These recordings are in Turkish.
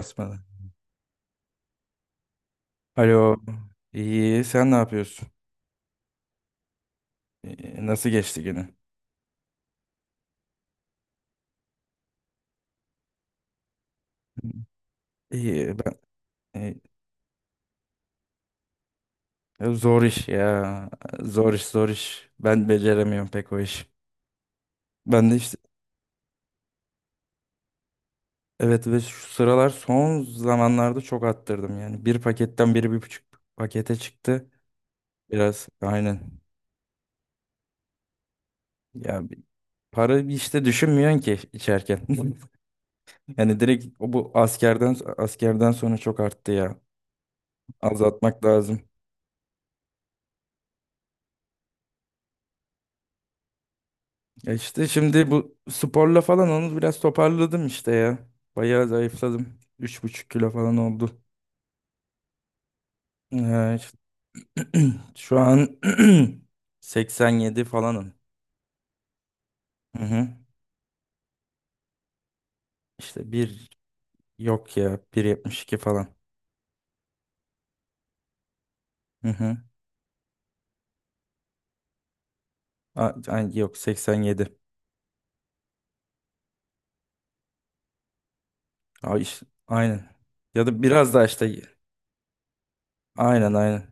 Basmadı. Alo. İyi. Sen ne yapıyorsun? Nasıl geçti günü? İyi. Ben, e, zor iş ya. Zor iş. Zor iş. Ben beceremiyorum pek o iş. Ben de işte, evet, ve şu sıralar son zamanlarda çok attırdım yani. Bir paketten biri 1,5 pakete çıktı. Biraz aynen. Ya bir- para işte düşünmüyorsun ki içerken. Yani direkt o bu askerden sonra çok arttı ya. Azaltmak lazım. Ya işte şimdi bu sporla falan onu biraz toparladım işte ya. Bayağı zayıfladım. 3,5 kilo falan oldu. Ee, işte şu an 87 falanım. Hı hı. İşte bir yok ya, 1,72 falan. Hı hı. Yok, 87. Ay işte, aynen. Ya da biraz daha işte, aynen aynen.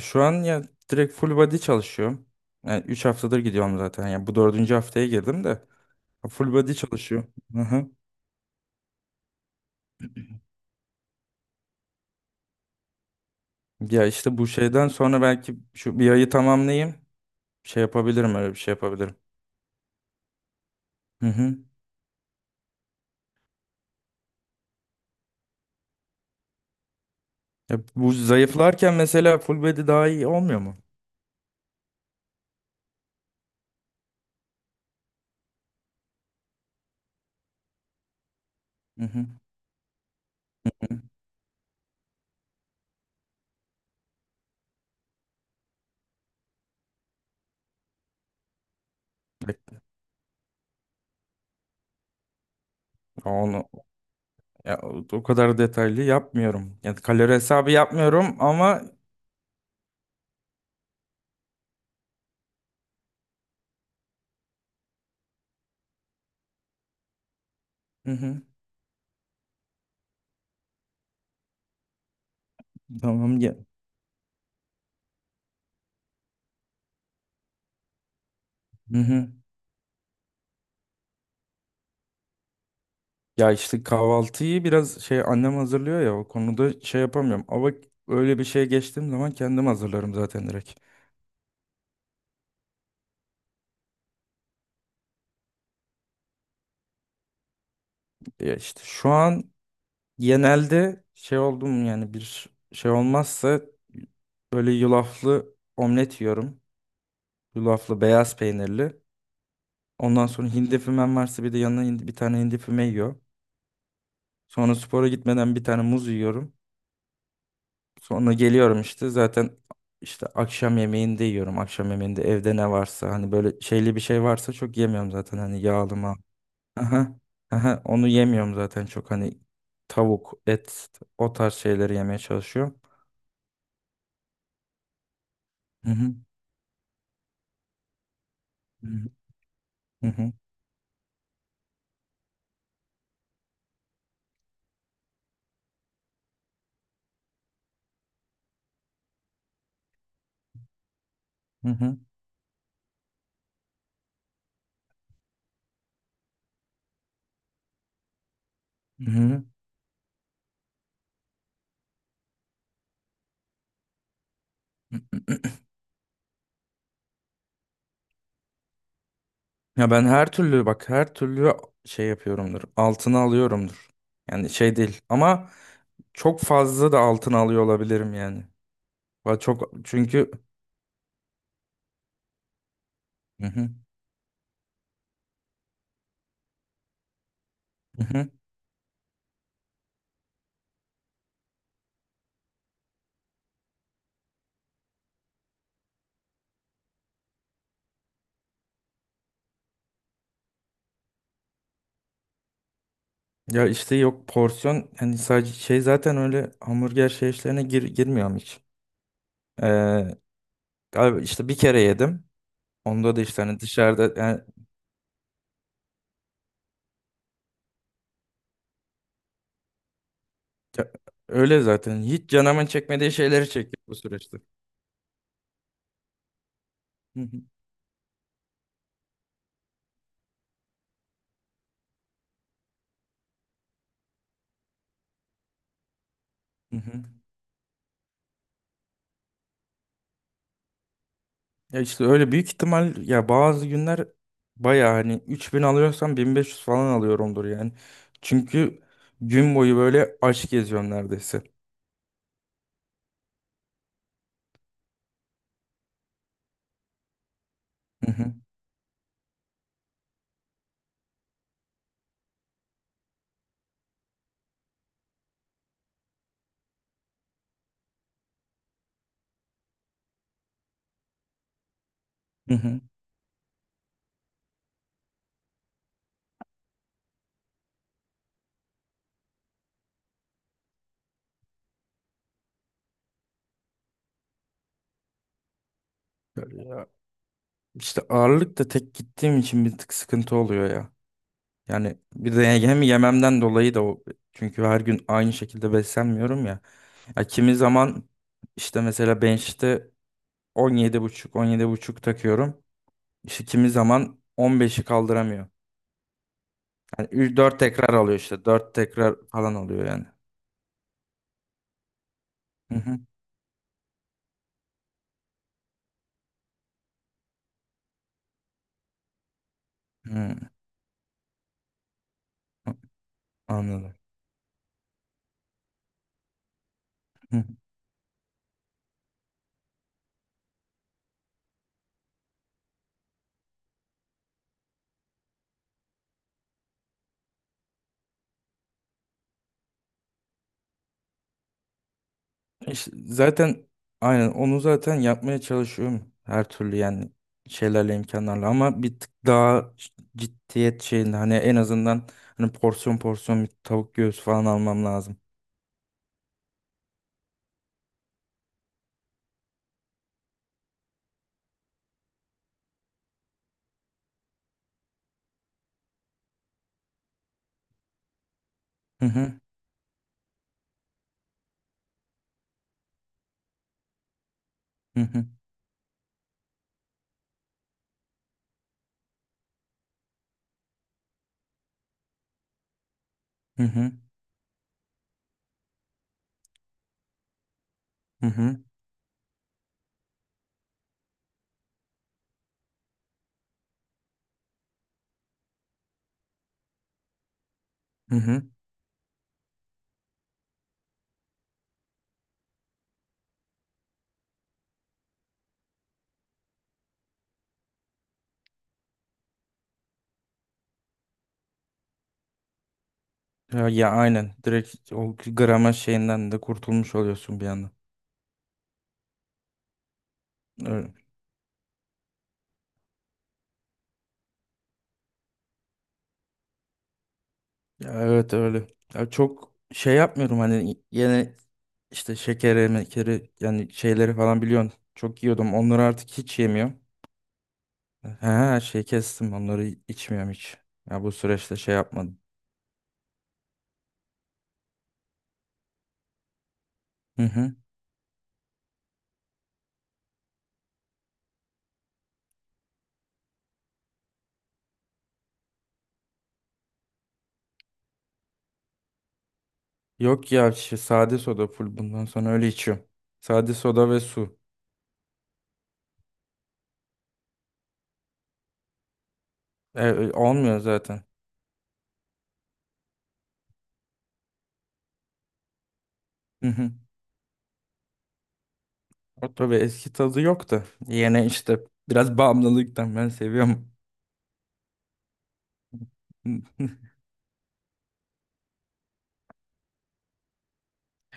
Şu an ya direkt full body çalışıyorum. Yani 3 haftadır gidiyorum zaten. Yani bu dördüncü haftaya girdim de full body çalışıyorum. Hı hı. Ya işte bu şeyden sonra belki şu bir ayı tamamlayayım. Şey yapabilirim, öyle bir şey yapabilirim. Hı hı. Ya bu zayıflarken mesela full body daha iyi olmuyor mu? Hı hı. Hı. Ya Onu ya o o kadar detaylı yapmıyorum. Yani kalori hesabı yapmıyorum ama hı hı. Tamam ya. Hı hı. Ya işte kahvaltıyı biraz şey annem hazırlıyor ya, o konuda şey yapamıyorum. Ama öyle bir şeye geçtiğim zaman kendim hazırlarım zaten direkt. Ya işte şu an genelde şey oldum yani, bir şey olmazsa böyle yulaflı omlet yiyorum. Yulaflı beyaz peynirli. Ondan sonra hindi fümem varsa bir de yanına bir tane hindi füme yiyor. Sonra spora gitmeden bir tane muz yiyorum. Sonra geliyorum işte zaten, işte akşam yemeğinde yiyorum. Akşam yemeğinde evde ne varsa, hani böyle şeyli bir şey varsa çok yemiyorum zaten, hani yağlı ma. Aha, aha, onu yemiyorum zaten çok, hani tavuk, et, o tarz şeyleri yemeye çalışıyorum. Hı hı. Hı hı, hı hı, hı hı. Ya ben her türlü, bak her türlü şey yapıyorumdur. Altına alıyorumdur. Yani şey değil ama çok fazla da altına alıyor olabilirim yani. Çok çünkü hı hı, hı hı. Ya işte yok porsiyon, hani sadece şey zaten, öyle hamburger şey işlerine girmiyorum hiç. Ee, galiba işte bir kere yedim. Onda da işte hani dışarıda yani ya- öyle zaten hiç canımın çekmediği şeyleri çekiyor bu süreçte. Hı hı, hı hı. Ya işte öyle büyük ihtimal, ya bazı günler baya hani 3.000 alıyorsam 1.500 falan alıyorumdur yani. Çünkü gün boyu böyle aç geziyorum neredeyse. Hı hı. Hı hı. Ya işte ağırlık da tek gittiğim için bir tık sıkıntı oluyor ya. Yani bir de hem yememden dolayı da o, çünkü her gün aynı şekilde beslenmiyorum ya. Ya kimi zaman işte mesela bench'te 17,5 buçuk 17,5 takıyorum. İşte kimi zaman 15'i kaldıramıyor. Yani 4 tekrar alıyor işte. Dört tekrar falan alıyor yani. Hı hı. Hı. Anladım. Hı. İşte zaten aynen onu zaten yapmaya çalışıyorum. Her türlü yani, şeylerle imkanlarla, ama bir tık daha ciddiyet şeyinde, hani en azından, hani porsiyon porsiyon bir tavuk göğsü falan almam lazım. Hı hı. Hı hı. Hı hı. Hı hı. Hı hı. Ya, ya aynen, direkt o grama şeyinden de kurtulmuş oluyorsun bir anda. Ya evet, öyle. Ya çok şey yapmıyorum, hani yine işte şekeri, mekeri, yani şeyleri falan biliyorsun. Çok yiyordum. Onları artık hiç yemiyorum. He, şey kestim. Onları içmiyorum hiç. Ya bu süreçte şey yapmadım. Hı hı. Yok ya şey, sade soda full bundan sonra öyle içiyorum. Sade soda ve su. E, e, olmuyor zaten. Hı hı. O tabii eski tadı yok da. Yine işte biraz bağımlılıktan ben seviyorum.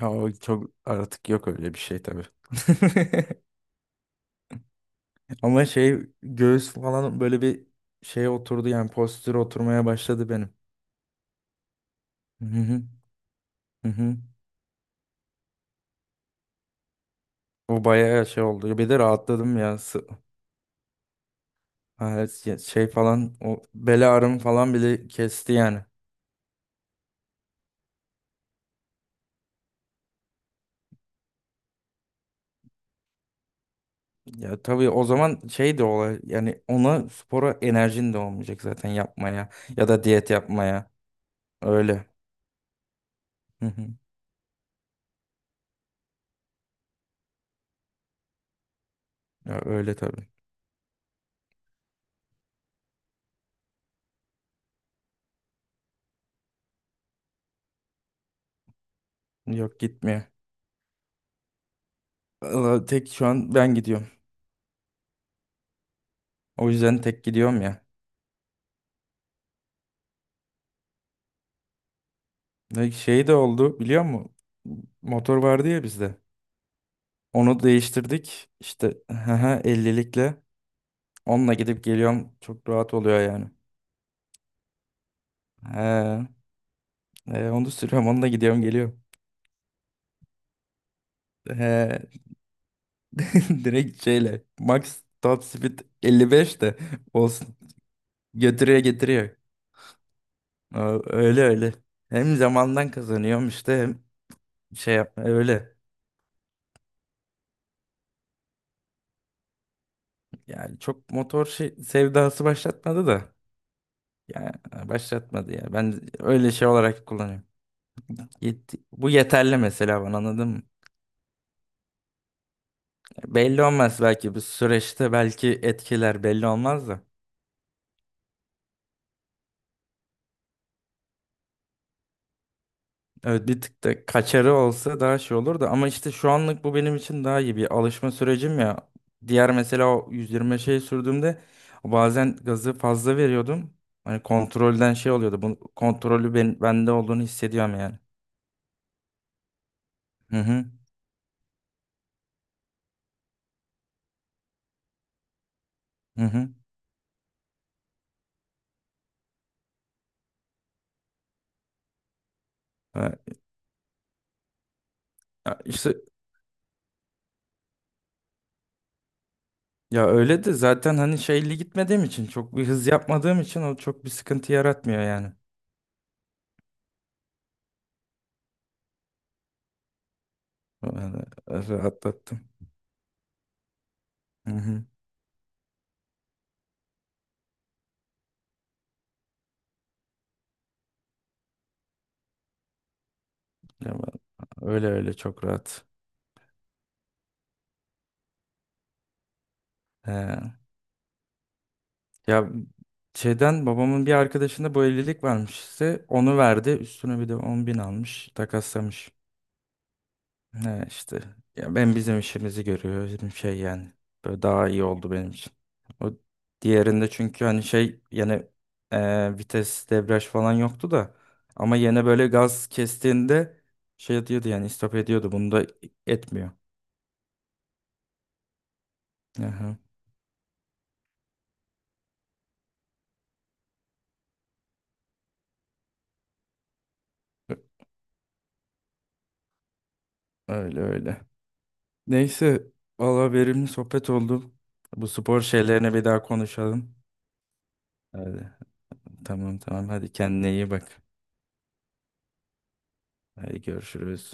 Ya o çok artık yok öyle bir şey tabii. Ama şey göğüs falan böyle bir şey oturdu, yani postür oturmaya başladı benim. Hı hı hı. Hı. O bayağı şey oldu. Bir de rahatladım ya. Ha, evet, ya şey falan, o bel ağrım falan bile kesti yani. Ya tabii, o zaman şey de olay yani, ona spora enerjin de olmayacak zaten yapmaya ya da diyet yapmaya. Öyle. Hı hı. Ya öyle tabii. Yok gitmiyor. Valla tek şu an ben gidiyorum. O yüzden tek gidiyorum ya. Ne şey de oldu biliyor musun? Motor vardı ya bizde. Onu değiştirdik. İşte 50'likle. Onunla gidip geliyorum. Çok rahat oluyor yani. He, he, onu sürüyorum. Onunla gidiyorum geliyorum. He, direkt şeyle. Max top speed 55 de olsun. Götürüyor getiriyor. Öyle öyle. Hem zamandan kazanıyorum işte, hem şey yap öyle. Yani çok motor şey, sevdası başlatmadı da. Ya başlatmadı ya. Ben öyle şey olarak kullanıyorum. Bu yeterli mesela bana, anladın mı? Belli olmaz, belki bu süreçte belki etkiler, belli olmaz da. Evet, bir tık da kaçarı olsa daha şey olur da, ama işte şu anlık bu benim için daha iyi bir alışma sürecim ya. Diğer mesela o 120 şey sürdüğümde bazen gazı fazla veriyordum. Hani kontrolden şey oluyordu. Bu kontrolü ben, bende olduğunu hissediyorum yani. Hı hı. Hı hı. Evet. Ya öyle de zaten, hani şeyli gitmediğim için, çok bir hız yapmadığım için o çok bir sıkıntı yaratmıyor yani. Yani, rahatlattım. Hı hı. Ya ben- öyle öyle, çok rahat. He. Ya şeyden babamın bir arkadaşında bu evlilik varmış işte, onu verdi, üstüne bir de 10.000 almış, takaslamış. Ne işte. Ya ben, bizim işimizi görüyor. Bizim şey yani. Böyle daha iyi oldu benim için. O diğerinde çünkü hani şey yani, vites debriyaj falan yoktu da ama yine böyle gaz kestiğinde şey diyordu yani, istop ediyordu. Bunda etmiyor. Aha. Ö- Öyle öyle. Neyse, valla verimli sohbet oldu. Bu spor şeylerini bir daha konuşalım. Hadi tamam tamam, hadi kendine iyi bak. Hadi görüşürüz.